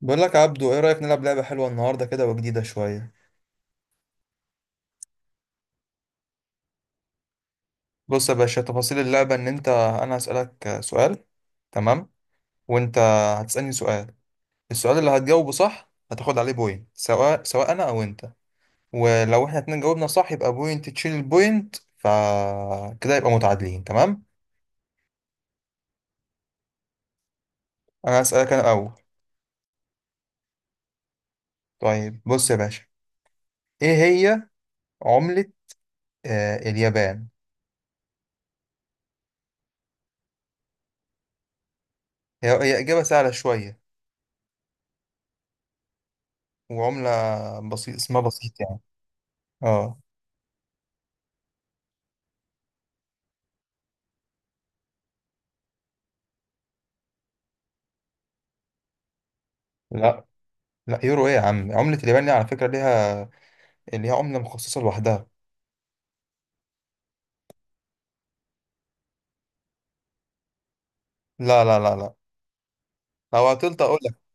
بقول لك يا عبدو، ايه رأيك نلعب لعبة حلوة النهاردة كده وجديدة شوية؟ بص يا باشا، تفاصيل اللعبة ان انت انا هسألك سؤال، تمام. وانت هتسألني سؤال. السؤال اللي هتجاوبه صح هتاخد عليه بوينت، سواء انا او انت. ولو احنا اتنين جاوبنا صح يبقى بوينت تشيل البوينت، فكده يبقى متعادلين، تمام. انا هسألك انا الاول. طيب بص يا باشا، ايه هي عملة اليابان؟ هي إجابة سهلة شوية، وعملة بسيط، اسمها بسيط يعني اه لا لا، يورو ايه يا عم؟ عملة اليابان دي على فكرة ليها عملة مخصصة لوحدها. لا لا لا لا، لو عطلت اقول لك.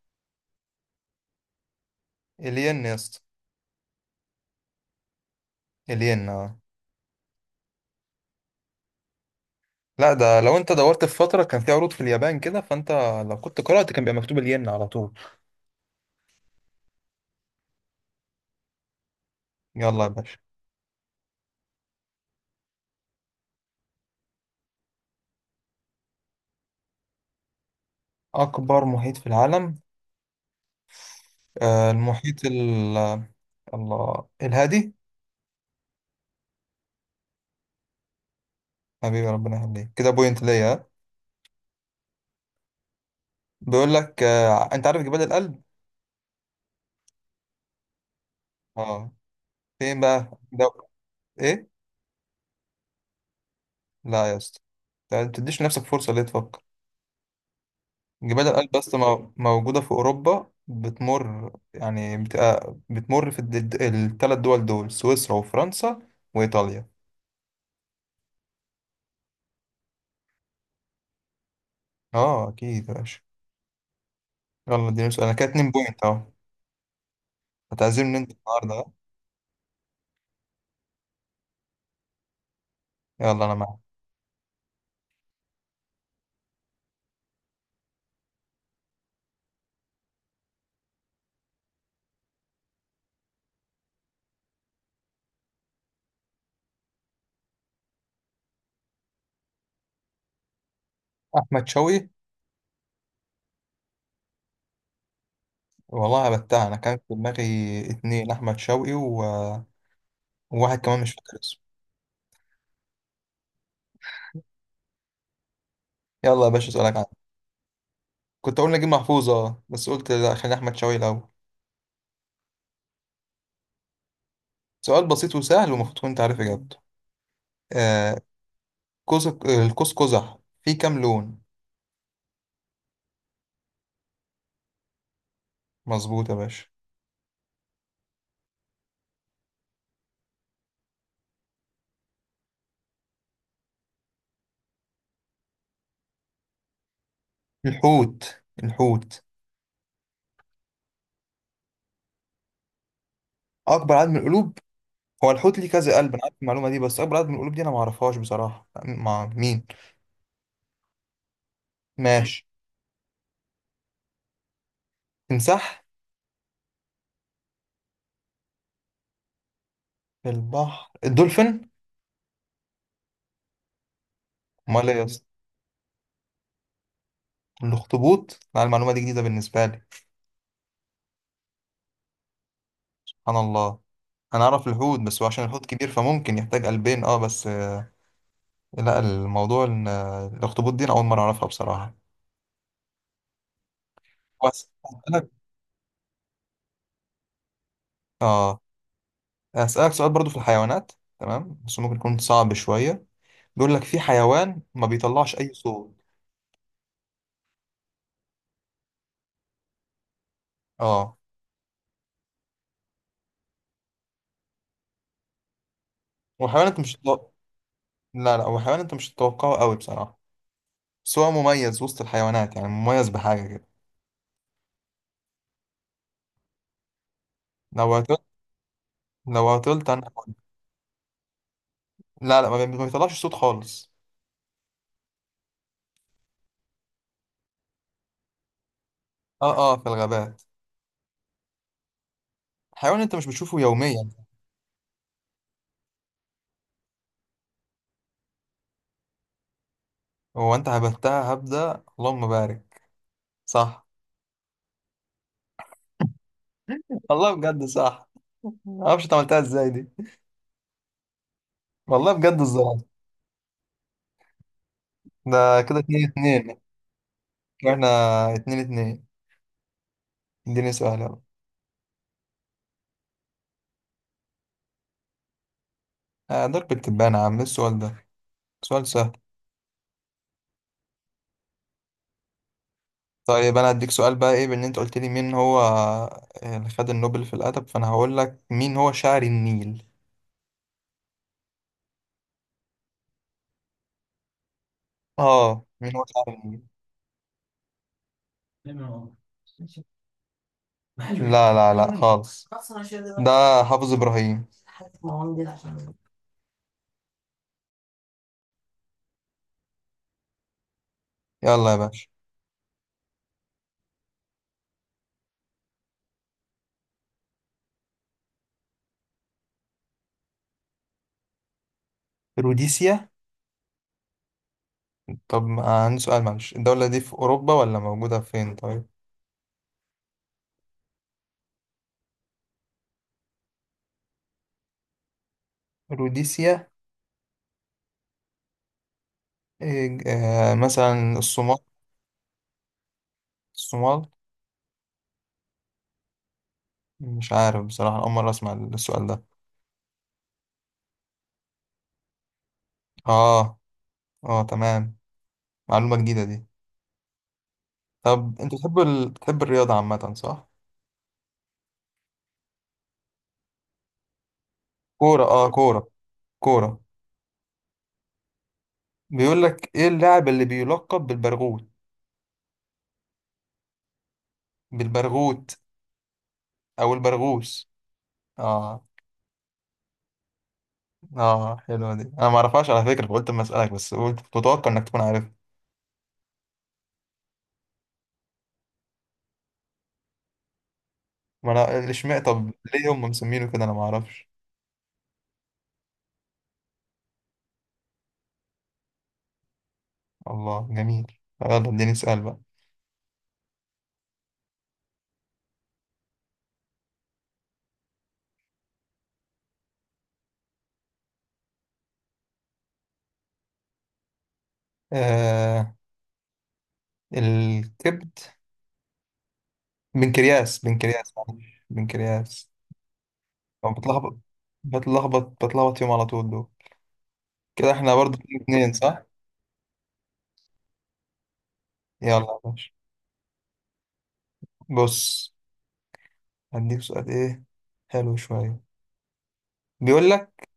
الين يا اسطى. الين اه. لا، ده لو انت دورت في فترة كان في عروض في اليابان كده فانت لو كنت قرأت كان بيبقى مكتوب الين على طول. يلا يا باشا. اكبر محيط في العالم؟ المحيط الله، الهادي. حبيبي، ربنا يخليك، كده بوينت ليا، ها؟ بيقول لك انت عارف جبال الألب؟ اه. فين بقى ده؟ ايه؟ لا يا اسطى، انت ما تديش نفسك فرصة ليه تفكر. جبال الألب بس موجودة في أوروبا، بتمر يعني بتبقى بتمر في الثلاث دول سويسرا وفرنسا وإيطاليا. اه أكيد يا باشا. يلا اديني سؤال، أنا كده اتنين بوينت أهو. هتعزمني أنت النهاردة، ها؟ يلا أنا معاك. أحمد شوقي. والله هبتها أنا، كان في دماغي اتنين أحمد شوقي وواحد كمان مش فاكر اسمه. يلا يا باشا أسألك عنه. كنت أقول نجيب محفوظ بس قلت لا، خلي أحمد شوقي الأول. سؤال بسيط وسهل ومفروض كنت عارف إجابته آه، قوس القوس قزح فيه كام لون؟ مظبوط يا باشا. الحوت الحوت. اكبر عدد من القلوب. هو الحوت ليه كذا قلب، انا عارف المعلومه دي، بس اكبر عدد من القلوب دي انا ما اعرفهاش بصراحه مع مين. مم. ماشي. تمساح. البحر، الدولفين. امال ايه يا اسطى؟ الاخطبوط. لا، المعلومه دي جديده بالنسبه لي. سبحان الله. انا اعرف الحوت، بس هو عشان الحوت كبير فممكن يحتاج قلبين اه بس. لا، الموضوع الاخطبوط دي انا اول مره اعرفها بصراحه. بس هسألك- اه هسألك سؤال برضو في الحيوانات. تمام بس ممكن يكون صعب شوية. بيقول لك في حيوان ما بيطلعش أي صوت. اه، وحيوان انت مش لا لا، وحيوان انت مش تتوقعه قوي بصراحة. بس هو مميز وسط الحيوانات، يعني مميز بحاجة كده. لو عطلت لو عطلت انا هقول. لا لا، ما بيطلعش صوت خالص. اه اه، في الغابات. حيوان انت مش بتشوفه يوميا. هو انت هبتها هبدة، اللهم بارك. صح. والله بجد صح. ما اعرفش انت عملتها ازاي دي. والله بجد الزرافة. ده كده 2-2. احنا 2-2. اديني سؤال يلا. ضرب التبانة يا عم، إيه السؤال ده؟ سؤال سهل. طيب انا هديك سؤال بقى، ايه بان انت قلت لي مين هو، اللي خد النوبل في الادب، فانا هقول لك مين هو شاعر النيل. اه، مين هو شاعر النيل. لا لا لا خالص. ده حافظ ابراهيم. يلا يا باشا. روديسيا. طب عندي سؤال، معلش الدولة دي في اوروبا ولا موجودة فين، طيب. روديسيا. إيه، آه، مثلا الصومال. الصومال. مش عارف بصراحة، أول مرة أسمع السؤال ده. اه اه، تمام. معلومة جديدة دي. طب انت بتحب بتحب الرياضة عامة، صح؟ كورة اه كورة. كورة. بيقول لك ايه اللاعب اللي بيلقب بالبرغوت؟ بالبرغوت او البرغوث. اه. اه، حلوة دي، انا ما اعرفهاش على فكرة، فقلت اما اسألك، بس قلت كنت متوقع انك تكون عارف. ما انا اشمعنى، طب ليه هم مسمينه كده، انا ما اعرفش. الله جميل. طب يلا اديني سؤال بقى. آه الكبد. بنكرياس معلش. بنكرياس. أو بتلخبط يوم على طول دول. كده احنا برضه 2-2، صح؟ يلا يا باشا، بص هديك سؤال، ايه حلو شوية. بيقول لك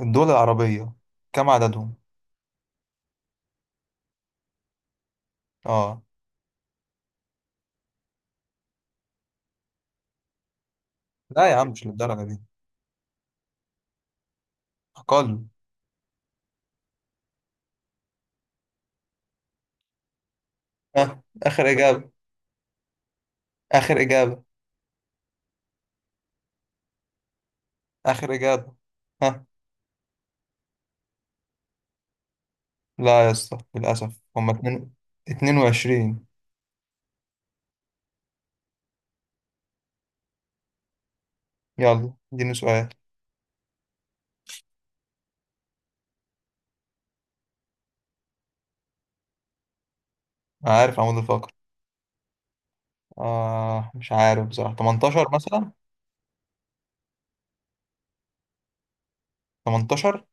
الدول العربية كم عددهم؟ اه. لا يا عم، مش للدرجة دي، أقل. ها، آخر إجابة. آخر إجابة. آخر إجابة. ها. لا يا اسطى، للأسف هما اتنين. 22. يلا اديني سؤال. عارف عمود الفقر. مش عارف بصراحة، 18 مثلا. 18.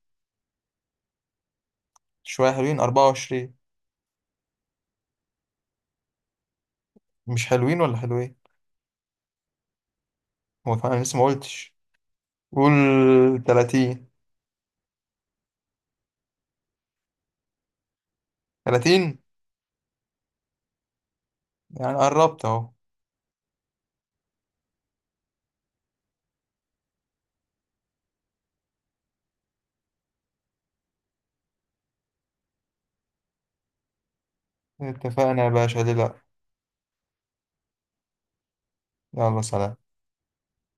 شوية حلوين، 24. مش حلوين ولا حلوين. هو كمان أنا لسه ما قلتش، قول. 30. 30. يعني قربت اهو. اتفقنا يا باشا، ليه لا. يلا سلام.